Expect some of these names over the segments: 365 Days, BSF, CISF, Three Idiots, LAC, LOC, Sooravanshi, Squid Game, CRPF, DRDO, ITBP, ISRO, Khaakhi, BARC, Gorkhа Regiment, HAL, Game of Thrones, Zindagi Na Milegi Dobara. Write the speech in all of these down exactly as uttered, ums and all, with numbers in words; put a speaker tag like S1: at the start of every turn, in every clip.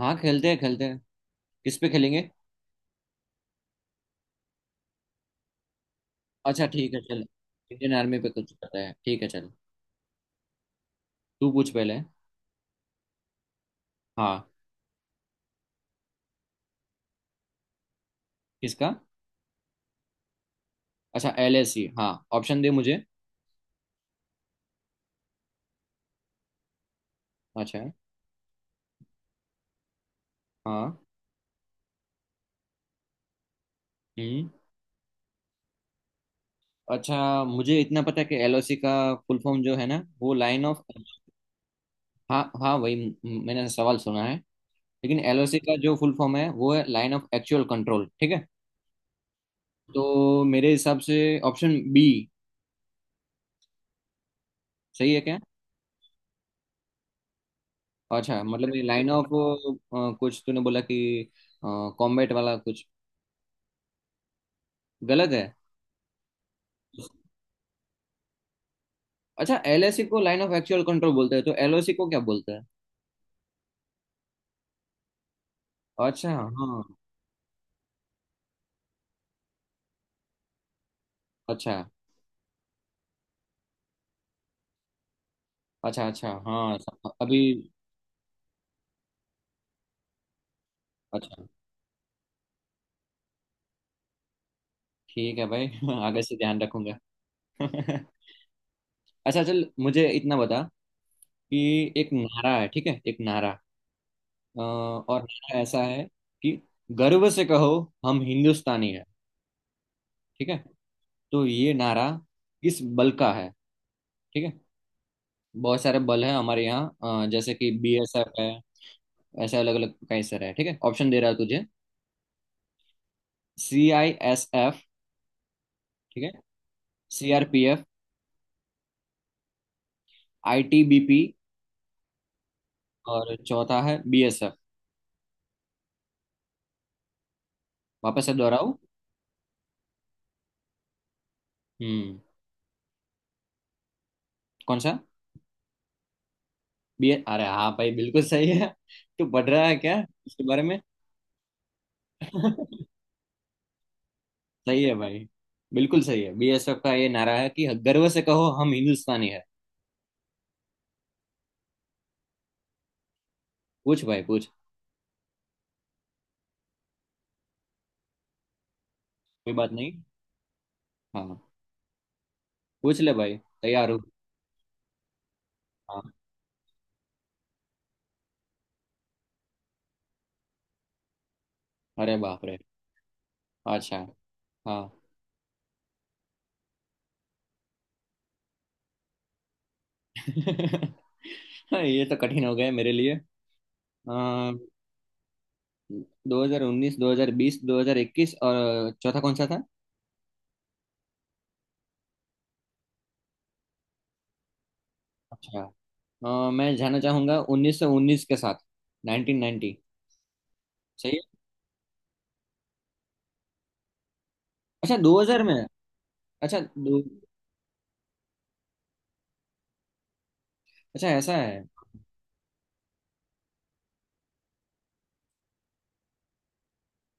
S1: हाँ, खेलते हैं खेलते हैं। किस पे खेलेंगे? अच्छा, ठीक है चल। इंडियन आर्मी पे कुछ पता है, ठीक है चल। तू पूछ पहले। हाँ। किसका? अच्छा, एल एस सी, हाँ। ऑप्शन दे मुझे। अच्छा। हाँ। हम्म। अच्छा, मुझे इतना पता है कि एल ओ सी का फुल फॉर्म जो है ना, वो लाइन ऑफ। हाँ हाँ, वही। म- मैंने सवाल सुना है। लेकिन एल ओ सी का जो फुल फॉर्म है वो है लाइन ऑफ एक्चुअल कंट्रोल, ठीक है। तो मेरे हिसाब से ऑप्शन बी सही है क्या? अच्छा, मतलब ये लाइन ऑफ कुछ तूने बोला कि कॉम्बैट वाला कुछ। गलत है। अच्छा, एलएसी को लाइन ऑफ एक्चुअल कंट्रोल बोलते हैं तो एलओसी को क्या बोलते हैं? अच्छा। हाँ। अच्छा अच्छा, अच्छा हाँ। सम- अभी। अच्छा। ठीक है भाई आगे से ध्यान रखूंगा अच्छा चल, मुझे इतना बता कि एक नारा है, ठीक है, एक नारा। अ, और नारा ऐसा है कि गर्व से कहो हम हिंदुस्तानी है। ठीक है। तो ये नारा किस बल का है? ठीक है। बहुत सारे बल हैं हमारे यहाँ, अ, जैसे कि बीएसएफ है। ऐसे अलग अलग कई सारे हैं, ठीक है। ऑप्शन दे रहा है तुझे। सी आई एस एफ, ठीक है। सीआरपीएफ। आईटीबीपी। और चौथा है बीएसएफ। वापस से दोहराऊं? हम्म। कौन सा? बी। अरे हाँ भाई, बिल्कुल सही है। तू पढ़ रहा है क्या इसके बारे में? सही है भाई, बिल्कुल सही है। बीएसएफ का ये नारा है कि गर्व से कहो हम हिंदुस्तानी है। पूछ भाई पूछ। कोई बात नहीं। हाँ। पूछ ले भाई, तैयार हूँ। हाँ। अरे बाप रे। अच्छा। हाँ। हाँ, ये तो कठिन हो गए मेरे लिए। आ, दो हजार उन्नीस, दो हजार बीस, दो हजार इक्कीस, और चौथा कौन सा था? अच्छा। अ, मैं जाना चाहूंगा उन्नीस सौ उन्नीस के साथ। Nineteen ninety. सही है? अच्छा, दो हजार में। अच्छा। दो। अच्छा, ऐसा है।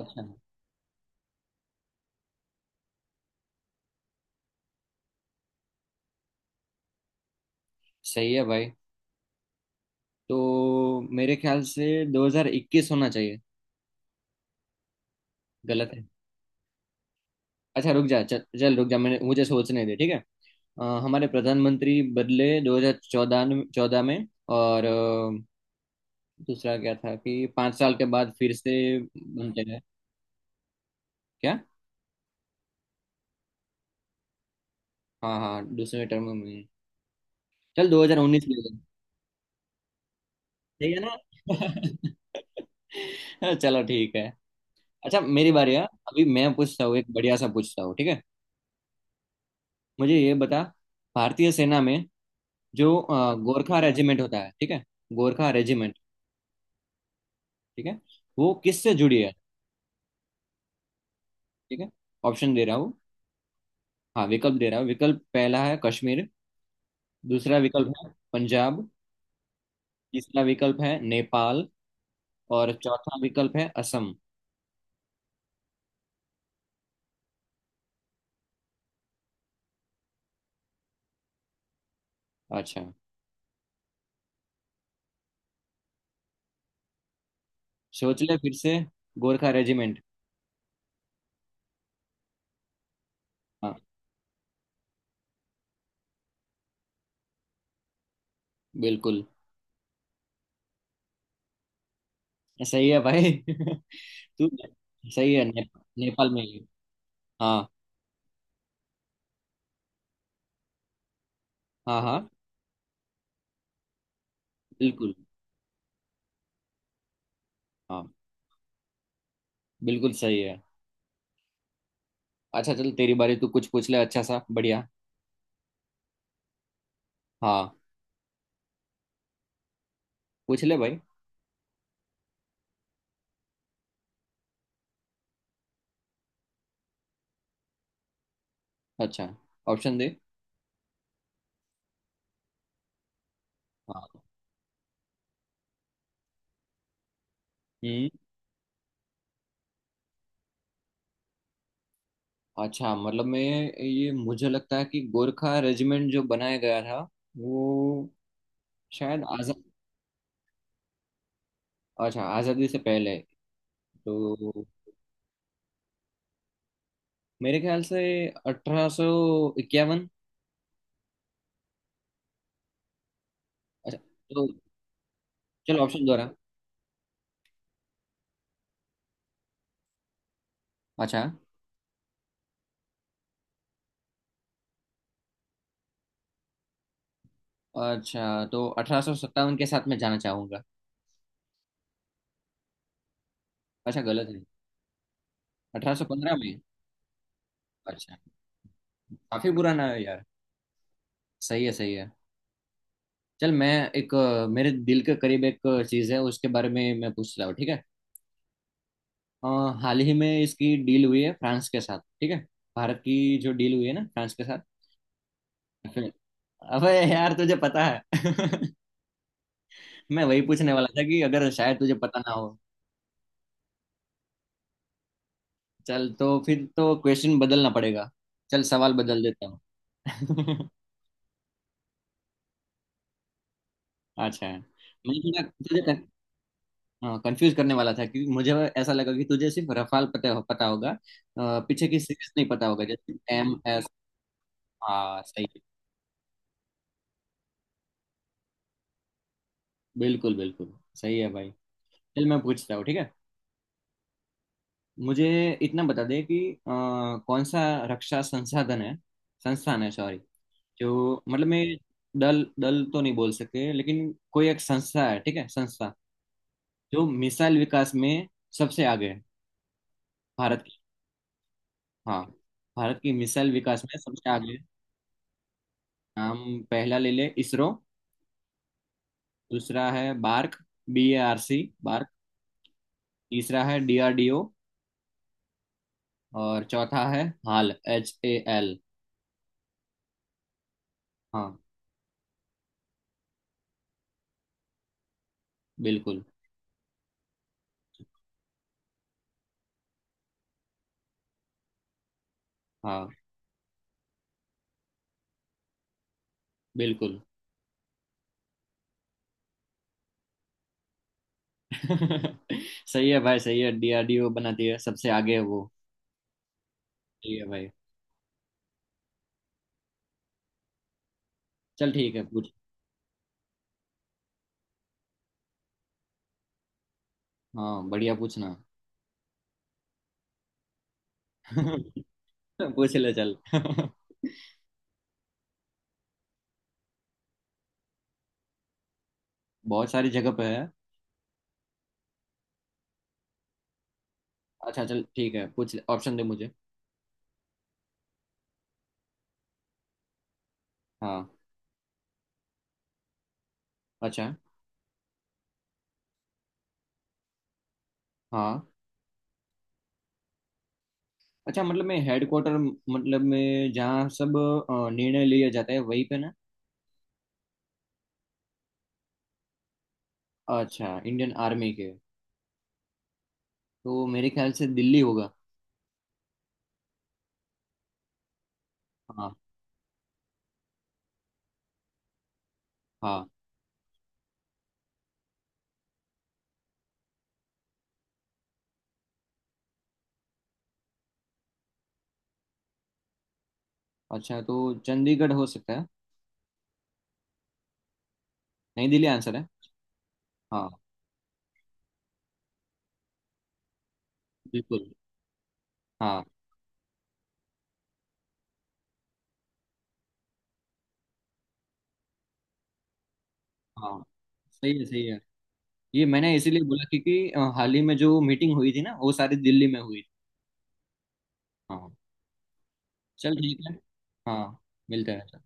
S1: अच्छा। सही है भाई। तो मेरे ख्याल से दो हजार इक्कीस होना चाहिए। गलत है? अच्छा रुक जा, चल चल रुक जा, मैंने मुझे सोचने दे, ठीक है। अ, हमारे प्रधानमंत्री बदले दो हजार चौदह, चौदह में। और दूसरा क्या था कि पांच साल के बाद फिर से बनते हैं? क्या? हाँ हाँ, दूसरे टर्म में। चल दो हज़ार उन्नीस ले लेंगे। ठीक है ना। चलो ठीक है। अच्छा, मेरी बारी है अभी, मैं पूछता हूँ, एक बढ़िया सा पूछता हूँ, ठीक है। मुझे ये बता, भारतीय सेना में जो अ, गोरखा रेजिमेंट होता है, ठीक है, गोरखा रेजिमेंट, ठीक है, वो किससे जुड़ी है? ठीक है। ऑप्शन दे रहा हूँ। हाँ, विकल्प दे रहा हूँ। विकल्प पहला है कश्मीर, दूसरा विकल्प है पंजाब, तीसरा विकल्प है नेपाल, और चौथा विकल्प है असम। अच्छा। सोच ले फिर से। गोरखा रेजिमेंट। हाँ, बिल्कुल सही है भाई। तू सही है ने, नेपाल में ही। हाँ हाँ हाँ, बिल्कुल। हाँ, बिल्कुल सही है। अच्छा चल, तेरी बारी, तू कुछ पूछ ले, अच्छा सा बढ़िया। हाँ। पूछ ले भाई। अच्छा। ऑप्शन दे। हाँ। हम्म। अच्छा मतलब मैं ये, मुझे लगता है कि गोरखा रेजिमेंट जो बनाया गया था वो शायद आजाद। अच्छा, आज़ादी से पहले तो मेरे ख्याल से अठारह सौ इक्यावन। अच्छा। तो चलो ऑप्शन दोहरा। अच्छा। अच्छा, तो अठारह सौ सत्तावन के साथ मैं जाना चाहूंगा। अच्छा, गलत? नहीं? अठारह सौ पंद्रह में। अच्छा। काफी पुराना है यार। सही है, सही है। चल मैं एक, अ, मेरे दिल के करीब एक चीज है उसके बारे में मैं पूछता हूँ, ठीक है। अ, हाल ही में इसकी डील हुई है फ्रांस के साथ, ठीक है। भारत की जो डील हुई है ना फ्रांस के साथ। फिर। अबे यार, तुझे पता है? मैं वही पूछने वाला था कि अगर शायद तुझे पता ना हो। चल तो फिर तो क्वेश्चन बदलना पड़ेगा। चल सवाल बदल देता हूँ। अच्छा है। मैं थोड़ा तुझे कंफ्यूज करने वाला था क्योंकि मुझे ऐसा लगा कि तुझे सिर्फ रफाल पता पता होगा, अ, पीछे की सीरीज नहीं पता होगा, जैसे एम एस। हाँ, सही है। बिल्कुल बिल्कुल सही है भाई। चल मैं पूछता हूँ, ठीक है। मुझे इतना बता दे कि अ, कौन सा रक्षा संसाधन है, संस्थान है सॉरी, जो, मतलब मैं दल दल तो नहीं बोल सकते, लेकिन कोई एक संस्था है, ठीक है, संस्था जो मिसाइल विकास में सबसे आगे है, भारत की। हाँ, भारत की मिसाइल विकास में सबसे आगे है। हम पहला ले ले इसरो, दूसरा है BARC, B A R C, BARC, तीसरा है डी आर डी ओ, और चौथा है हाल, एच ए एल। हाँ। बिल्कुल। हाँ। बिल्कुल। सही है भाई, सही है, डी आर डी ओ बनाती है, सबसे आगे है वो। ठीक है भाई। चल ठीक है, पूछ। हाँ, बढ़िया पूछना। पूछ ले चल। बहुत सारी जगह पे है। अच्छा चल, ठीक है, पूछ ले, ऑप्शन दे मुझे। हाँ। अच्छा। हाँ। अच्छा मतलब, मैं हेडक्वार्टर मतलब में जहाँ सब अ, निर्णय लिए जाते हैं वहीं पे ना? अच्छा, इंडियन आर्मी के। तो मेरे ख्याल से दिल्ली होगा। हाँ। हाँ। अच्छा, तो चंडीगढ़ हो सकता है? नई दिल्ली आंसर है। हाँ। बिल्कुल। हाँ। हाँ। सही है, सही है। ये मैंने इसीलिए बोला क्योंकि अ, हाल ही में जो मीटिंग हुई थी ना वो सारी दिल्ली में हुई थी। हाँ। चल ठीक है। हाँ। मिलते हैं।